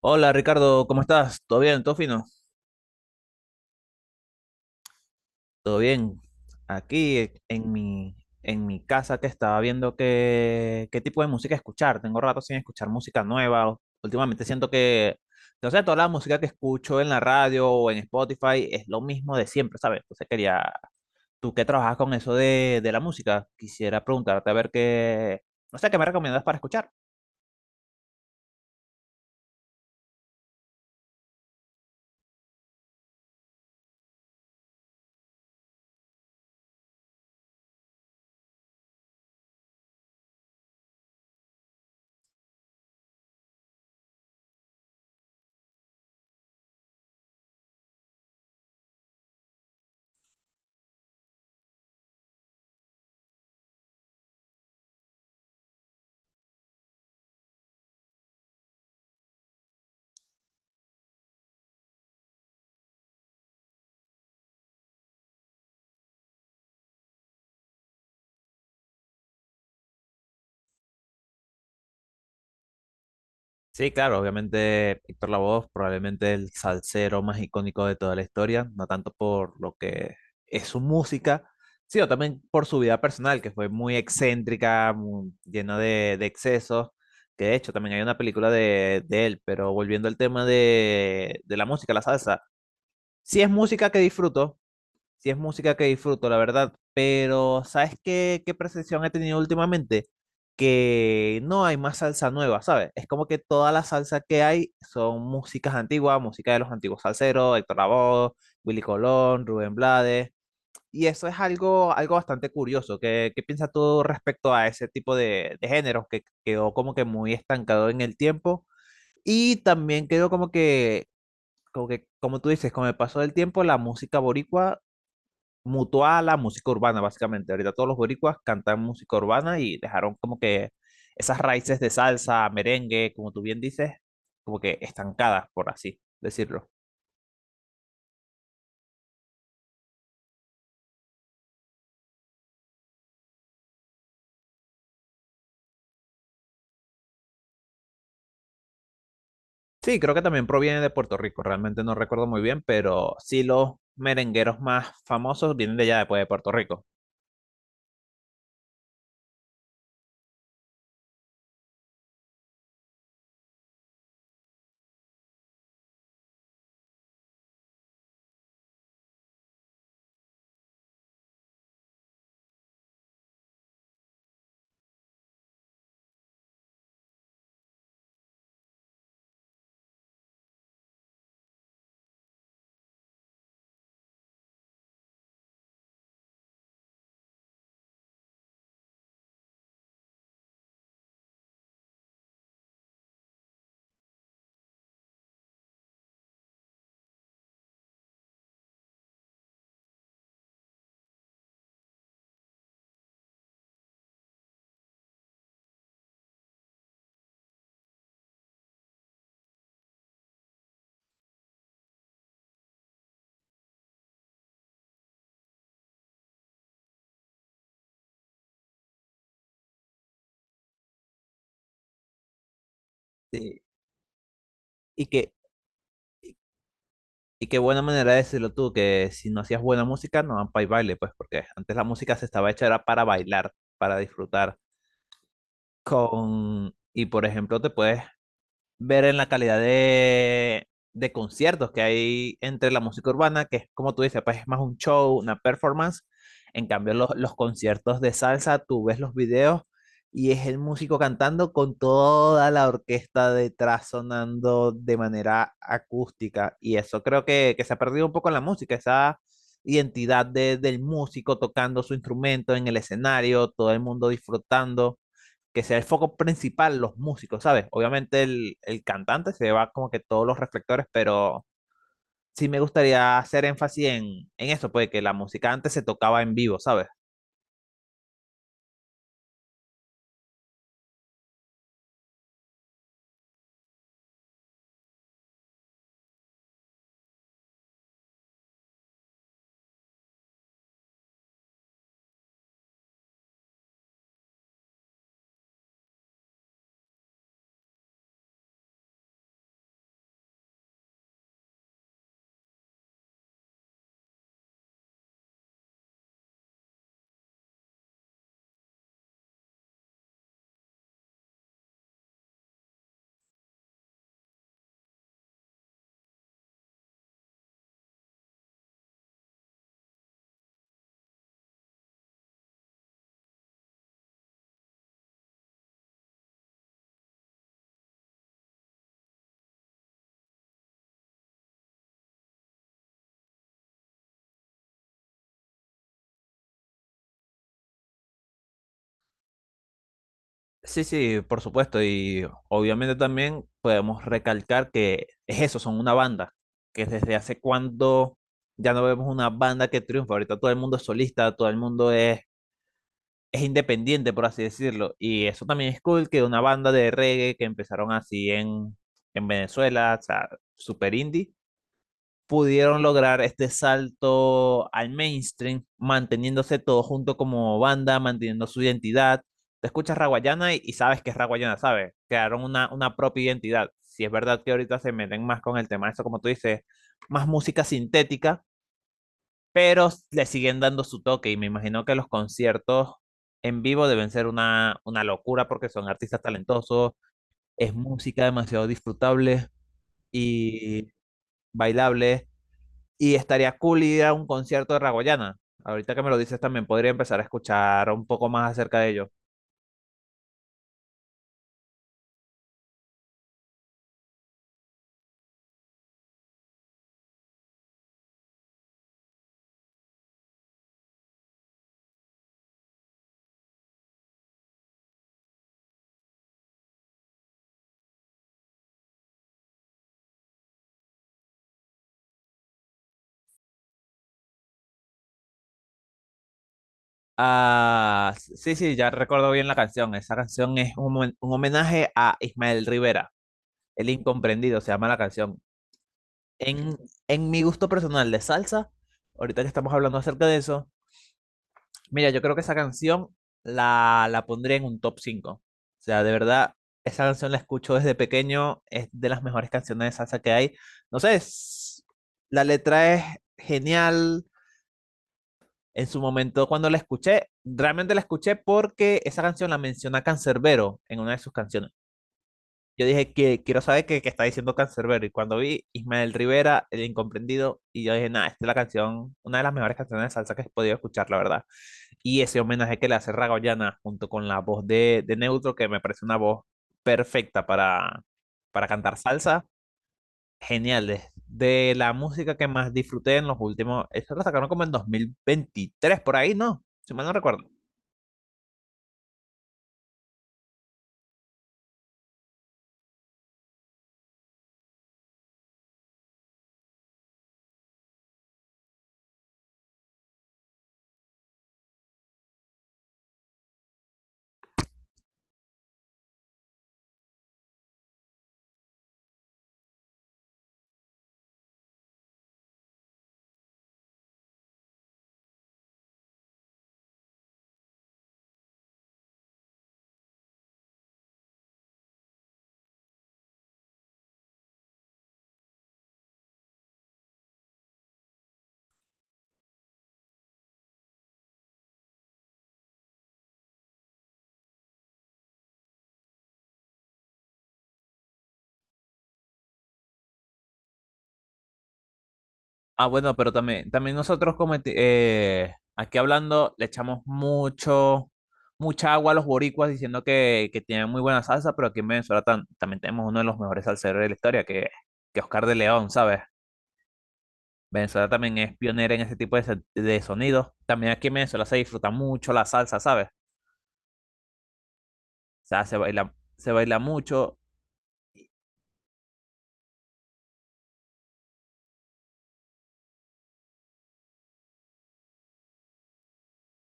Hola Ricardo, ¿cómo estás? ¿Todo bien? ¿Todo fino? Todo bien. Aquí en mi casa que estaba viendo qué tipo de música escuchar. Tengo rato sin escuchar música nueva. Últimamente siento que, no sé, toda la música que escucho en la radio o en Spotify es lo mismo de siempre, ¿sabes? Entonces quería, tú que trabajas con eso de la música, quisiera preguntarte a ver qué, no sé, qué me recomiendas para escuchar. Sí, claro, obviamente Héctor Lavoe probablemente el salsero más icónico de toda la historia, no tanto por lo que es su música, sino también por su vida personal, que fue muy excéntrica, llena de excesos, que de hecho también hay una película de él, pero volviendo al tema de la música, la salsa, sí es música que disfruto, sí es música que disfruto, la verdad, pero ¿sabes qué, qué percepción he tenido últimamente? Que no hay más salsa nueva, ¿sabes? Es como que toda la salsa que hay son músicas antiguas, música de los antiguos salseros, Héctor Lavoe, Willy Colón, Rubén Blades, y eso es algo, algo bastante curioso. ¿Qué, qué piensas tú respecto a ese tipo de géneros que quedó como que muy estancado en el tiempo? Y también quedó como que como que, como tú dices, con el paso del tiempo, la música boricua mutó a la música urbana, básicamente. Ahorita todos los boricuas cantan música urbana y dejaron como que esas raíces de salsa, merengue, como tú bien dices, como que estancadas, por así decirlo. Sí, creo que también proviene de Puerto Rico, realmente no recuerdo muy bien, pero sí los merengueros más famosos vienen de allá, después de Puerto Rico. Sí. Y que y qué buena manera de decirlo tú, que si no hacías buena música, no van para el baile, pues, porque antes la música se estaba hecha era para bailar, para disfrutar con... Y por ejemplo, te puedes ver en la calidad de conciertos que hay entre la música urbana, que es como tú dices, pues es más un show, una performance. En cambio, los conciertos de salsa, tú ves los videos y es el músico cantando con toda la orquesta detrás sonando de manera acústica. Y eso creo que se ha perdido un poco en la música, esa identidad de, del músico tocando su instrumento en el escenario, todo el mundo disfrutando que sea el foco principal los músicos, ¿sabes? Obviamente el cantante se va como que todos los reflectores, pero sí me gustaría hacer énfasis en eso, pues que la música antes se tocaba en vivo, ¿sabes? Sí, sí, por supuesto, y obviamente también podemos recalcar que es eso, son una banda, que desde hace cuando ya no vemos una banda que triunfa, ahorita todo el mundo es solista, todo el mundo es independiente, por así decirlo. Y eso también es cool que una banda de reggae que empezaron así en Venezuela, o sea, super indie, pudieron lograr este salto al mainstream, manteniéndose todos juntos como banda, manteniendo su identidad. Te escuchas Raguayana y sabes que es Raguayana, ¿sabes? Crearon una propia identidad. Si es verdad que ahorita se meten más con el tema, eso como tú dices, más música sintética, pero le siguen dando su toque y me imagino que los conciertos en vivo deben ser una locura porque son artistas talentosos, es música demasiado disfrutable y bailable y estaría cool ir a un concierto de Ragoyana. Ahorita que me lo dices también podría empezar a escuchar un poco más acerca de ello. Ah, sí, sí, ya recuerdo bien la canción. Esa canción es un, un homenaje a Ismael Rivera, el incomprendido, se llama la canción. En, en mi gusto personal de salsa, ahorita que estamos hablando acerca de eso, mira, yo creo que esa canción la, la pondría en un top cinco. O sea, de verdad, esa canción la escucho desde pequeño, es de las mejores canciones de salsa que hay. No sé, la letra es genial. En su momento, cuando la escuché, realmente la escuché porque esa canción la menciona Cancerbero en una de sus canciones. Yo dije, que quiero saber qué, qué está diciendo Cancerbero. Y cuando vi Ismael Rivera, El Incomprendido, y yo dije, nada, esta es la canción, una de las mejores canciones de salsa que he podido escuchar, la verdad. Y ese homenaje que le hace Ragoyana junto con la voz de Neutro, que me parece una voz perfecta para cantar salsa, genial. Es de la música que más disfruté en los últimos, eso lo sacaron como en 2023, por ahí, ¿no? Si mal no recuerdo. Ah, bueno, pero también, también nosotros aquí hablando le echamos mucho, mucha agua a los boricuas diciendo que tienen muy buena salsa, pero aquí en Venezuela también tenemos uno de los mejores salseros de la historia, que Oscar de León, ¿sabes? Venezuela también es pionera en ese tipo de, de sonidos. También aquí en Venezuela se disfruta mucho la salsa, ¿sabes? O sea, se baila mucho.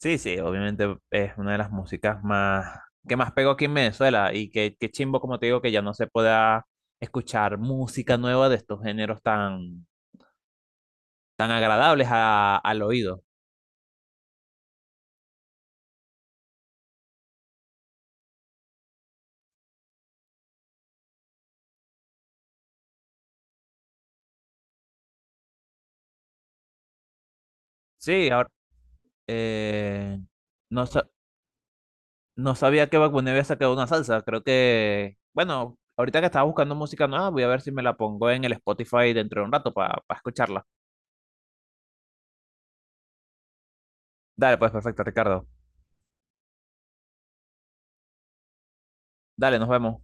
Sí, sí, obviamente es una de las músicas más que más pegó aquí en Venezuela y que chimbo, como te digo, que ya no se pueda escuchar música nueva de estos géneros tan, tan agradables al oído. Sí, ahora eh, no, no sabía que Bad Bunny había sacado una salsa. Creo que, bueno, ahorita que estaba buscando música nueva, voy a ver si me la pongo en el Spotify dentro de un rato para escucharla. Dale, pues perfecto, Ricardo. Dale, nos vemos.